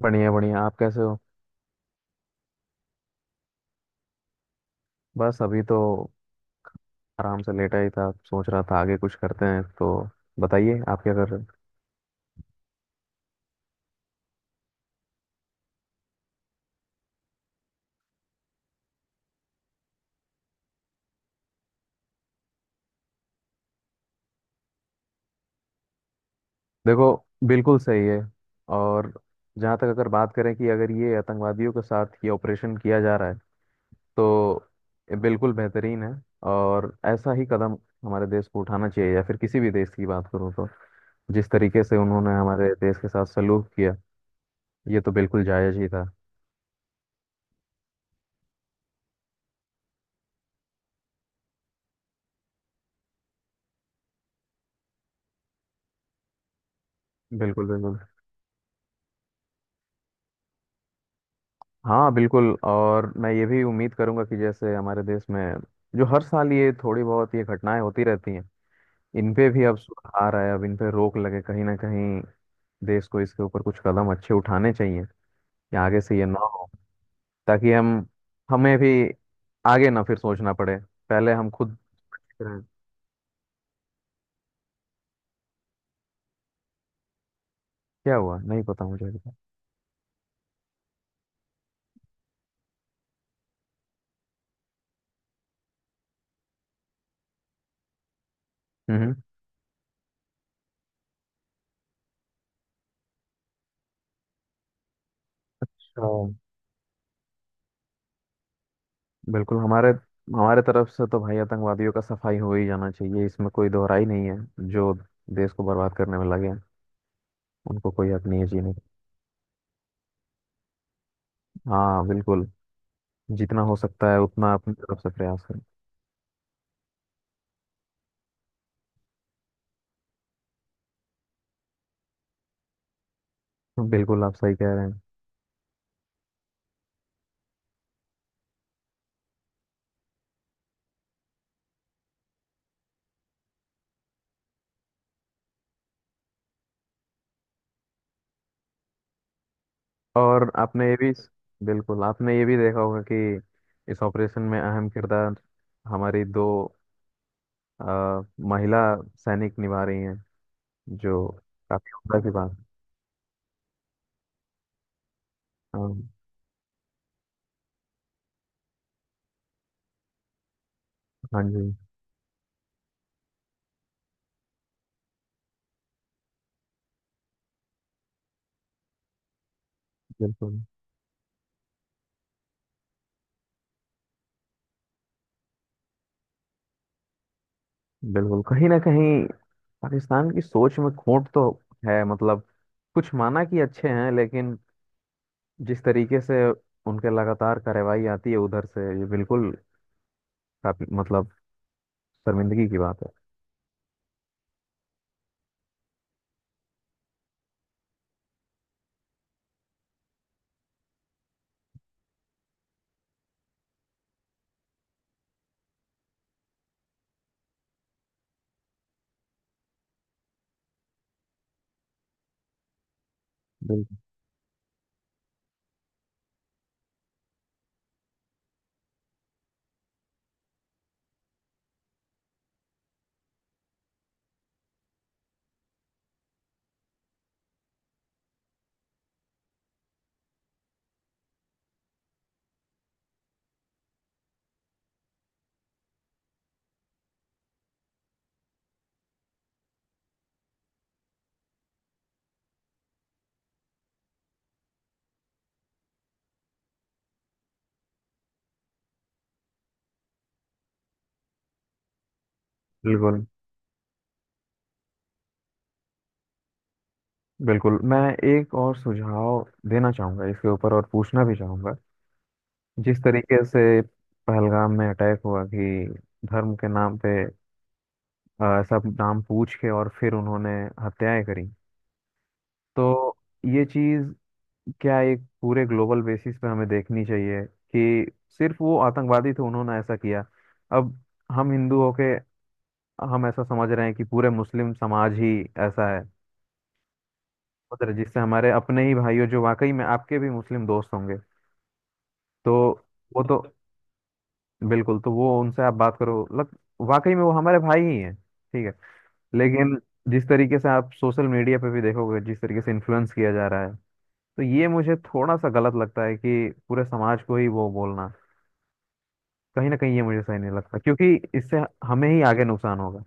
बढ़िया बढ़िया। आप कैसे हो? बस अभी तो आराम से लेटा ही था, सोच रहा था आगे कुछ करते हैं तो। बताइए आप क्या कर रहे हो? देखो, बिल्कुल सही है। और जहाँ तक अगर बात करें कि अगर ये आतंकवादियों के साथ ये ऑपरेशन किया जा रहा है, तो ये बिल्कुल बेहतरीन है। और ऐसा ही कदम हमारे देश को उठाना चाहिए, या फिर किसी भी देश की बात करूँ तो। जिस तरीके से उन्होंने हमारे देश के साथ सलूक किया, ये तो बिल्कुल जायज ही था। बिल्कुल बिल्कुल। हाँ बिल्कुल, और मैं ये भी उम्मीद करूंगा कि जैसे हमारे देश में जो हर साल ये थोड़ी बहुत ये घटनाएं होती रहती हैं, इन पे भी अब सुधार आए, अब इन पे रोक लगे। कहीं ना कहीं देश को इसके ऊपर कुछ कदम अच्छे उठाने चाहिए कि आगे से ये ना हो, ताकि हम, हमें भी आगे ना फिर सोचना पड़े। पहले हम खुद देख रहे हैं। क्या हुआ नहीं पता मुझे अभी तक। हम्म। अच्छा। बिल्कुल, हमारे हमारे तरफ से तो भाई आतंकवादियों का सफाई हो ही जाना चाहिए, इसमें कोई दोहराई नहीं है। जो देश को बर्बाद करने में लगे हैं, उनको कोई अपनी एज ही नहीं। हाँ बिल्कुल, जितना हो सकता है उतना अपनी तरफ से प्रयास करें। बिल्कुल आप सही कह रहे हैं। और आपने ये भी बिल्कुल आपने ये भी देखा होगा कि इस ऑपरेशन में अहम किरदार हमारी दो अ, महिला सैनिक निभा रही हैं, जो काफी उम्दा की बात है। हाँ। हाँ जी। बिल्कुल बिल्कुल। कहीं ना कहीं पाकिस्तान की सोच में खोट तो है, मतलब कुछ माना कि अच्छे हैं, लेकिन जिस तरीके से उनके लगातार कार्रवाई आती है उधर से, ये बिल्कुल काफी मतलब शर्मिंदगी की बात है। बिल्कुल बिल्कुल बिल्कुल। मैं एक और सुझाव देना चाहूंगा इसके ऊपर, और पूछना भी चाहूंगा। जिस तरीके से पहलगाम में अटैक हुआ कि धर्म के नाम पे, सब नाम पूछ के और फिर उन्होंने हत्याएं करी, तो ये चीज क्या एक पूरे ग्लोबल बेसिस पे हमें देखनी चाहिए? कि सिर्फ वो आतंकवादी थे उन्होंने ऐसा किया। अब हम हिंदू होके हम ऐसा समझ रहे हैं कि पूरे मुस्लिम समाज ही ऐसा है उधर, जिससे हमारे अपने ही भाइयों, जो वाकई में आपके भी मुस्लिम दोस्त होंगे तो। वो तो बिल्कुल तो वो उनसे आप बात करो, मतलब वाकई में वो हमारे भाई ही हैं, ठीक है। लेकिन जिस तरीके से आप सोशल मीडिया पे भी देखोगे, जिस तरीके से इन्फ्लुएंस किया जा रहा है, तो ये मुझे थोड़ा सा गलत लगता है कि पूरे समाज को ही वो बोलना, कहीं ना कहीं ये मुझे सही नहीं लगता, क्योंकि इससे हमें ही आगे नुकसान होगा।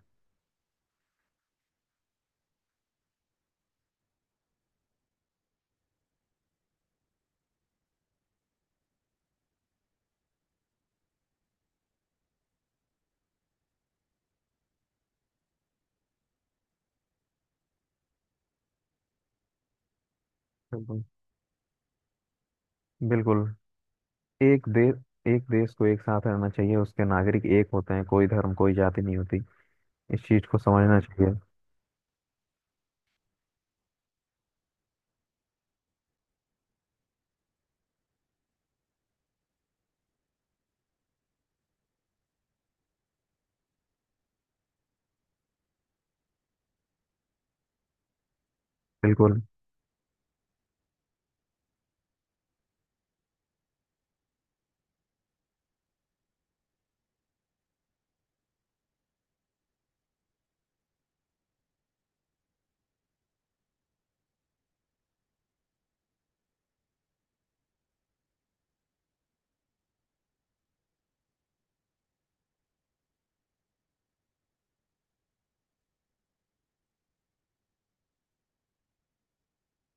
बिल्कुल बिल्कुल। एक देश एक देश को एक साथ रहना चाहिए, उसके नागरिक एक होते हैं, कोई धर्म कोई जाति नहीं होती। इस चीज को समझना चाहिए। बिल्कुल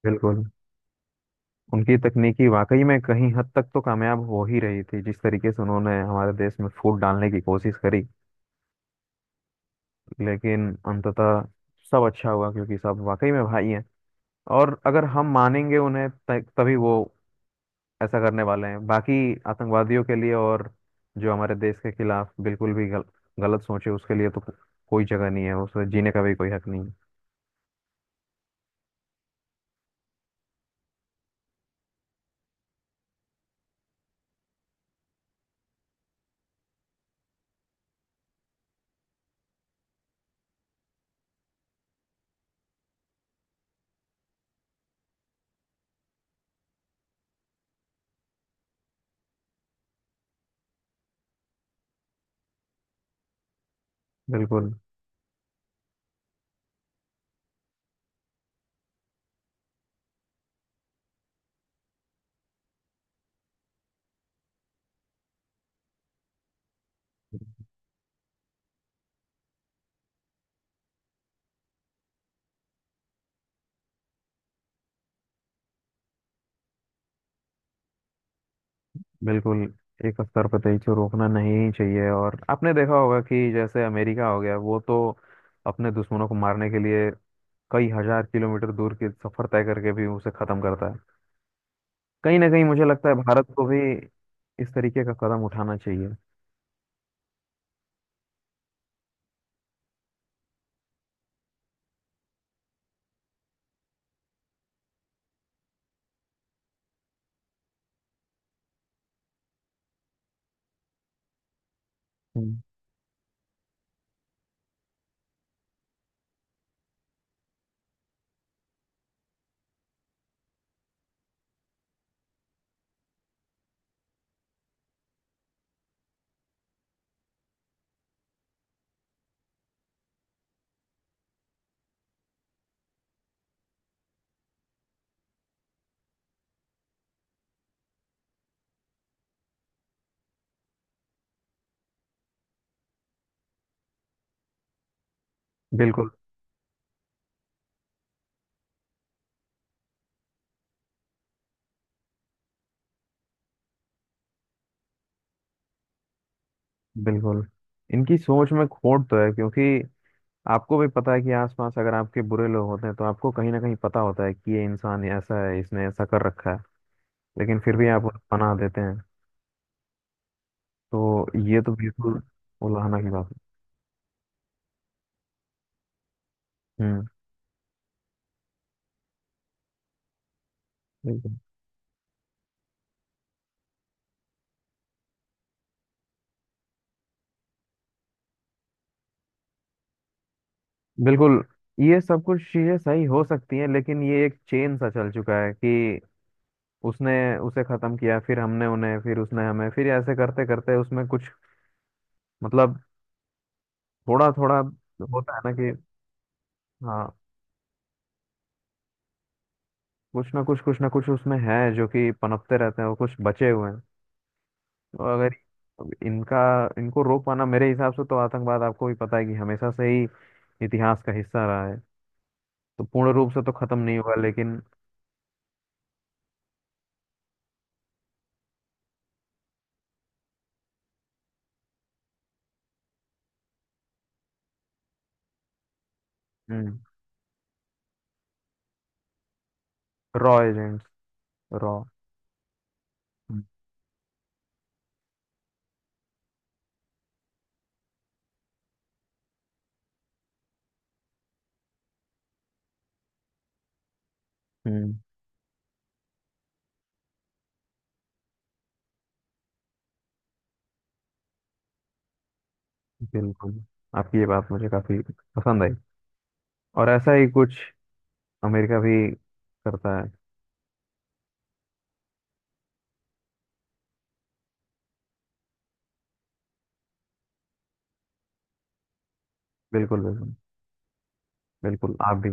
बिल्कुल। उनकी तकनीकी वाकई में कहीं हद तक तो कामयाब हो ही रही थी, जिस तरीके से उन्होंने हमारे देश में फूट डालने की कोशिश करी। लेकिन अंततः सब अच्छा हुआ, क्योंकि सब वाकई में भाई हैं। और अगर हम मानेंगे उन्हें तभी वो ऐसा करने वाले हैं। बाकी आतंकवादियों के लिए, और जो हमारे देश के खिलाफ बिल्कुल भी गलत सोचे, उसके लिए तो कोई जगह नहीं है, उसे जीने का भी कोई हक नहीं है। बिल्कुल बिल्कुल। एक स्तर पर तेजी को रोकना नहीं ही चाहिए। और आपने देखा होगा कि जैसे अमेरिका हो गया, वो तो अपने दुश्मनों को मारने के लिए कई हजार किलोमीटर दूर की सफर तय करके भी उसे खत्म करता है। कहीं ना कहीं मुझे लगता है भारत को भी इस तरीके का कदम उठाना चाहिए। हम्म। बिल्कुल बिल्कुल। इनकी सोच में खोट तो है, क्योंकि आपको भी पता है कि आसपास अगर आपके बुरे लोग होते हैं तो आपको कहीं ना कहीं पता होता है कि ये इंसान ऐसा है, इसने ऐसा कर रखा है, लेकिन फिर भी आप उन्हें पनाह देते हैं। तो ये तो बिल्कुल उलाहना की बात है। हम्म। बिल्कुल बिल्कुल। ये सब कुछ चीजें सही हो सकती हैं, लेकिन ये एक चेन सा चल चुका है कि उसने उसे खत्म किया, फिर हमने उन्हें, फिर उसने हमें, फिर ऐसे करते करते उसमें कुछ, मतलब थोड़ा थोड़ा होता है ना? कि हाँ, कुछ ना कुछ उसमें है जो कि पनपते रहते हैं, वो कुछ बचे हुए हैं। तो अगर इनका, इनको रोक पाना मेरे हिसाब से तो, आतंकवाद आपको भी पता है कि हमेशा से ही इतिहास का हिस्सा रहा है, तो पूर्ण रूप से तो खत्म नहीं होगा लेकिन। हम्म। Raw agents. रॉ। हम्म। बिल्कुल। आपकी ये बात मुझे काफी पसंद आई। और ऐसा ही कुछ अमेरिका भी करता है। बिल्कुल बिल्कुल। बिल्कुल आप भी।